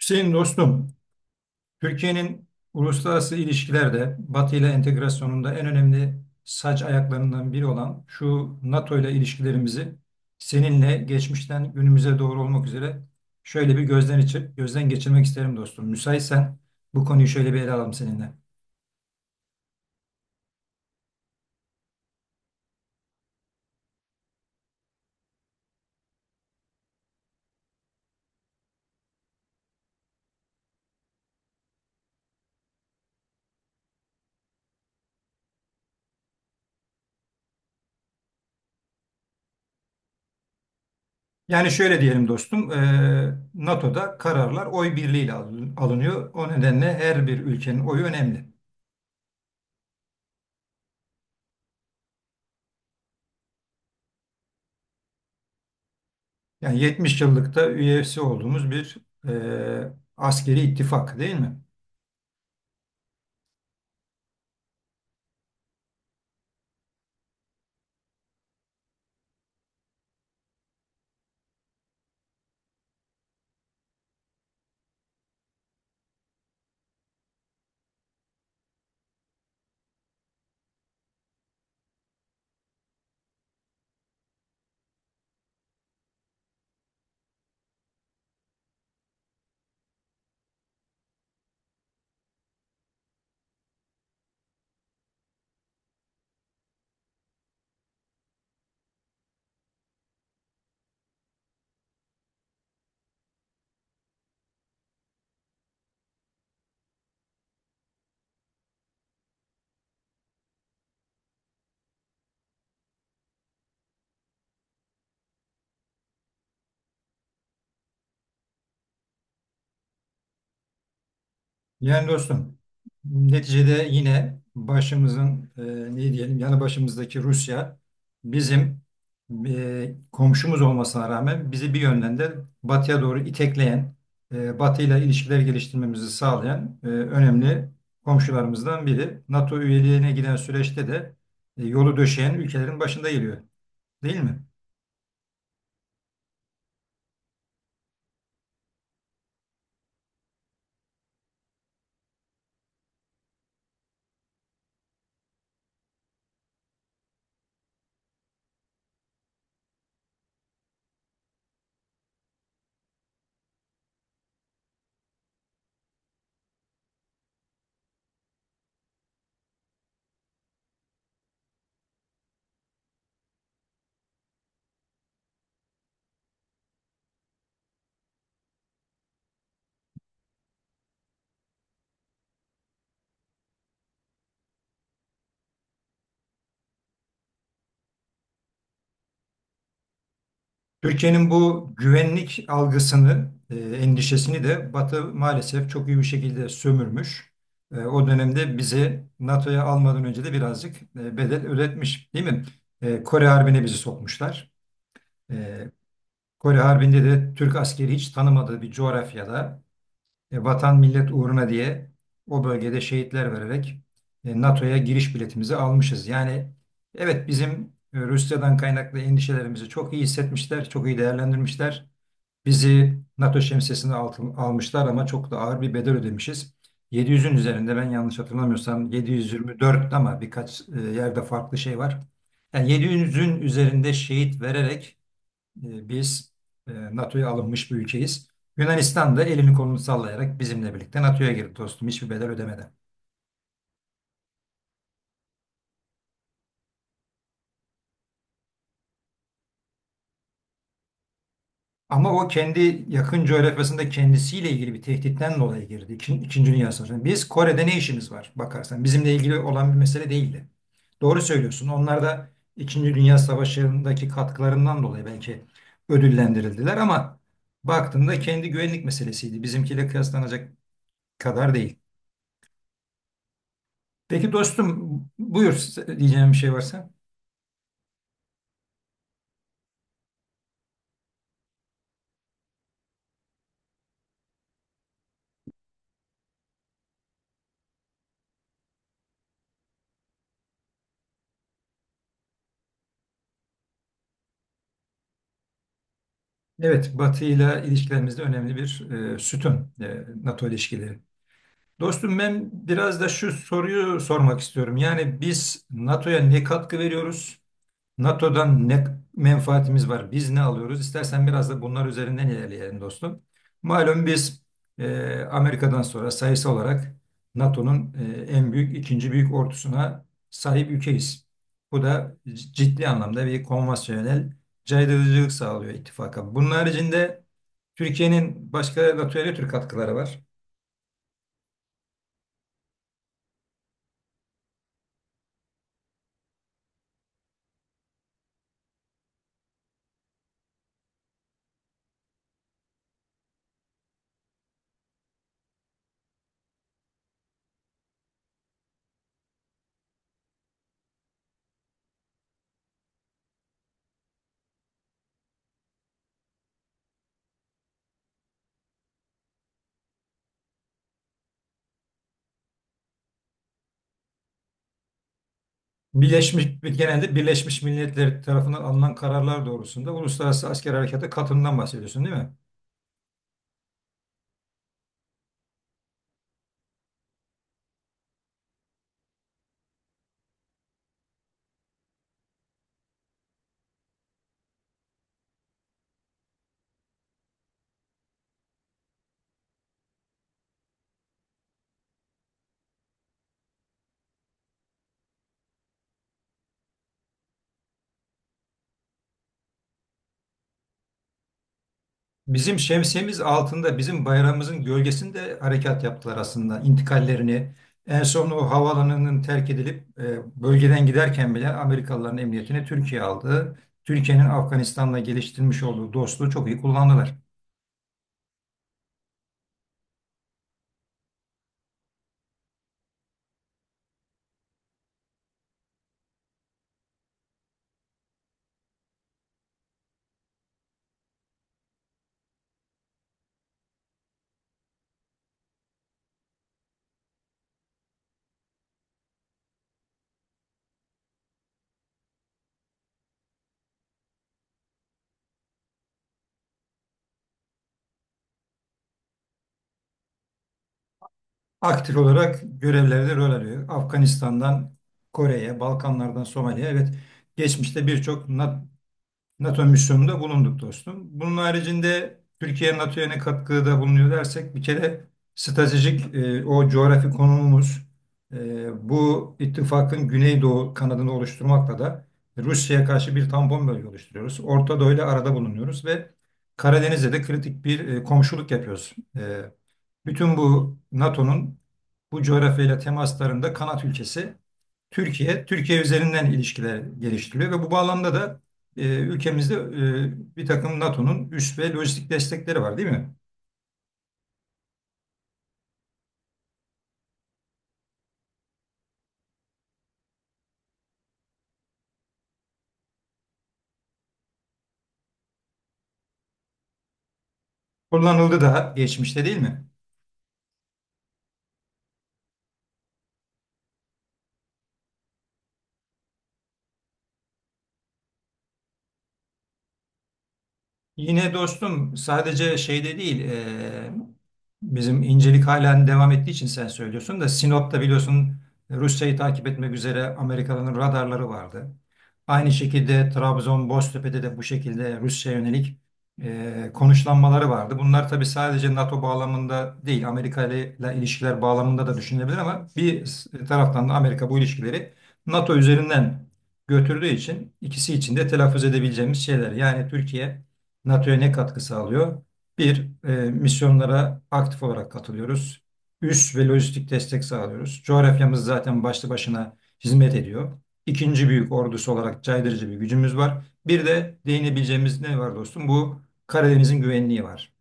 Hüseyin dostum, Türkiye'nin uluslararası ilişkilerde Batı ile entegrasyonunda en önemli saç ayaklarından biri olan şu NATO ile ilişkilerimizi seninle geçmişten günümüze doğru olmak üzere şöyle bir gözden geçirmek isterim dostum. Müsaitsen bu konuyu şöyle bir ele alalım seninle. Yani şöyle diyelim dostum, NATO'da kararlar oy birliğiyle alınıyor. O nedenle her bir ülkenin oyu önemli. Yani 70 yıllıkta üyesi olduğumuz bir askeri ittifak değil mi? Yani dostum neticede yine başımızın ne diyelim yanı başımızdaki Rusya bizim komşumuz olmasına rağmen bizi bir yönden de batıya doğru itekleyen, batıyla ilişkiler geliştirmemizi sağlayan önemli komşularımızdan biri. NATO üyeliğine giden süreçte de yolu döşeyen ülkelerin başında geliyor değil mi? Türkiye'nin bu güvenlik algısını, endişesini de Batı maalesef çok iyi bir şekilde sömürmüş. O dönemde bizi NATO'ya almadan önce de birazcık bedel ödetmiş, değil mi? Kore Harbi'ne bizi sokmuşlar. E, Kore Harbi'nde de Türk askeri hiç tanımadığı bir coğrafyada vatan millet uğruna diye o bölgede şehitler vererek NATO'ya giriş biletimizi almışız. Yani evet bizim Rusya'dan kaynaklı endişelerimizi çok iyi hissetmişler, çok iyi değerlendirmişler. Bizi NATO şemsiyesine almışlar ama çok da ağır bir bedel ödemişiz. 700'ün üzerinde ben yanlış hatırlamıyorsam 724 ama birkaç yerde farklı şey var. Yani 700'ün üzerinde şehit vererek biz NATO'ya alınmış bir ülkeyiz. Yunanistan da elini kolunu sallayarak bizimle birlikte NATO'ya girdi dostum hiçbir bedel ödemeden. Ama o kendi yakın coğrafyasında kendisiyle ilgili bir tehditten dolayı girdi. İkinci Dünya Savaşı'na. Biz Kore'de ne işimiz var bakarsan. Bizimle ilgili olan bir mesele değildi. Doğru söylüyorsun. Onlar da İkinci Dünya Savaşı'ndaki katkılarından dolayı belki ödüllendirildiler ama baktığında kendi güvenlik meselesiydi. Bizimkiyle kıyaslanacak kadar değil. Peki dostum buyur diyeceğim bir şey varsa. Evet, Batı ile ilişkilerimizde önemli bir sütun NATO ilişkileri. Dostum ben biraz da şu soruyu sormak istiyorum. Yani biz NATO'ya ne katkı veriyoruz? NATO'dan ne menfaatimiz var? Biz ne alıyoruz? İstersen biraz da bunlar üzerinden ilerleyelim dostum. Malum biz Amerika'dan sonra sayısı olarak NATO'nun en büyük, ikinci büyük ordusuna sahip ülkeyiz. Bu da ciddi anlamda bir konvansiyonel caydırıcılık sağlıyor ittifaka. Bunun haricinde Türkiye'nin başka NATO'ya ne tür katkıları var? Genelde Birleşmiş Milletler tarafından alınan kararlar doğrusunda uluslararası asker harekata katılımdan bahsediyorsun değil mi? Bizim şemsiyemiz altında bizim bayrağımızın gölgesinde harekat yaptılar aslında intikallerini. En son o havaalanının terk edilip bölgeden giderken bile Amerikalıların emniyetini Türkiye aldı. Türkiye'nin Afganistan'la geliştirmiş olduğu dostluğu çok iyi kullandılar. Aktif olarak görevlerde rol alıyor. Afganistan'dan Kore'ye, Balkanlardan Somali'ye evet geçmişte birçok NATO misyonunda bulunduk dostum. Bunun haricinde Türkiye NATO'ya ne katkıda bulunuyor dersek bir kere stratejik o coğrafi konumumuz bu ittifakın Güneydoğu kanadını oluşturmakla da Rusya'ya karşı bir tampon bölge oluşturuyoruz. Orta Doğu ile arada bulunuyoruz ve Karadeniz'de de kritik bir komşuluk yapıyoruz. Bütün bu NATO'nun bu coğrafyayla temaslarında kanat ülkesi Türkiye, Türkiye üzerinden ilişkiler geliştiriliyor ve bu bağlamda da ülkemizde bir takım NATO'nun üs ve lojistik destekleri var değil mi? Kullanıldı da geçmişte değil mi? Yine dostum sadece şeyde değil bizim incelik halen devam ettiği için sen söylüyorsun da Sinop'ta biliyorsun Rusya'yı takip etmek üzere Amerikalıların radarları vardı. Aynı şekilde Trabzon, Boztepe'de de bu şekilde Rusya'ya yönelik konuşlanmaları vardı. Bunlar tabii sadece NATO bağlamında değil Amerika ile ilişkiler bağlamında da düşünülebilir ama bir taraftan da Amerika bu ilişkileri NATO üzerinden götürdüğü için ikisi için de telaffuz edebileceğimiz şeyler. Yani Türkiye NATO'ya ne katkı sağlıyor? Bir, misyonlara aktif olarak katılıyoruz. Üs ve lojistik destek sağlıyoruz. Coğrafyamız zaten başlı başına hizmet ediyor. İkinci büyük ordusu olarak caydırıcı bir gücümüz var. Bir de değinebileceğimiz ne var dostum? Bu Karadeniz'in güvenliği var.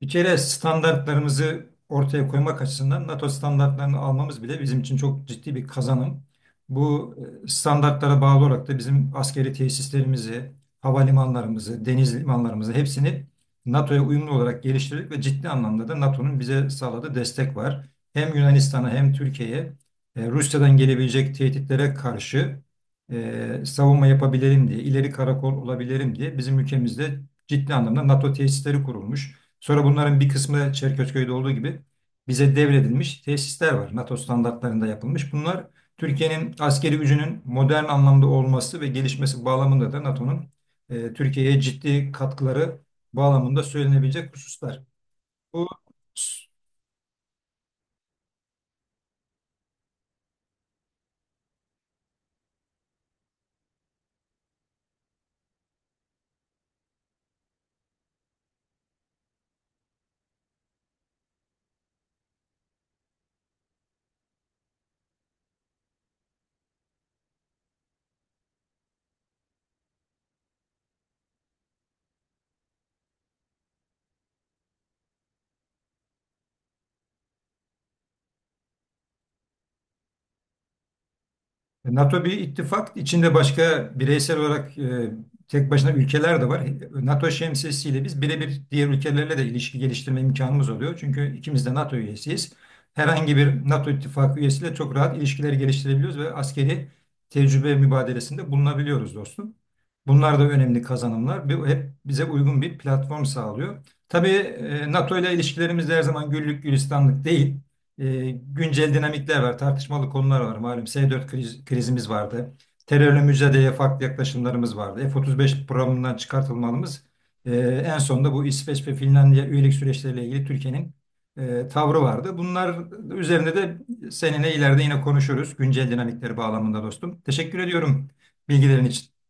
Bir kere standartlarımızı ortaya koymak açısından NATO standartlarını almamız bile bizim için çok ciddi bir kazanım. Bu standartlara bağlı olarak da bizim askeri tesislerimizi, havalimanlarımızı, deniz limanlarımızı hepsini NATO'ya uyumlu olarak geliştirdik ve ciddi anlamda da NATO'nun bize sağladığı destek var. Hem Yunanistan'a hem Türkiye'ye Rusya'dan gelebilecek tehditlere karşı savunma yapabilirim diye, ileri karakol olabilirim diye bizim ülkemizde ciddi anlamda NATO tesisleri kurulmuş. Sonra bunların bir kısmı Çerkezköy'de olduğu gibi bize devredilmiş tesisler var. NATO standartlarında yapılmış. Bunlar Türkiye'nin askeri gücünün modern anlamda olması ve gelişmesi bağlamında da NATO'nun Türkiye'ye ciddi katkıları bağlamında söylenebilecek hususlar. Bu NATO bir ittifak. İçinde başka bireysel olarak tek başına ülkeler de var. NATO şemsiyesiyle biz birebir diğer ülkelerle de ilişki geliştirme imkanımız oluyor. Çünkü ikimiz de NATO üyesiyiz. Herhangi bir NATO ittifakı üyesiyle çok rahat ilişkiler geliştirebiliyoruz ve askeri tecrübe mübadelesinde bulunabiliyoruz dostum. Bunlar da önemli kazanımlar. Bu hep bize uygun bir platform sağlıyor. Tabii NATO ile ilişkilerimiz de her zaman güllük gülistanlık değil. Güncel dinamikler var, tartışmalı konular var. Malum S-4 krizimiz vardı. Terörle mücadeleye farklı yaklaşımlarımız vardı. F-35 programından çıkartılmamız e, en sonunda bu İsveç ve Finlandiya üyelik süreçleriyle ilgili Türkiye'nin tavrı vardı. Bunlar üzerinde de seninle ileride yine konuşuruz. Güncel dinamikleri bağlamında dostum. Teşekkür ediyorum bilgilerin için.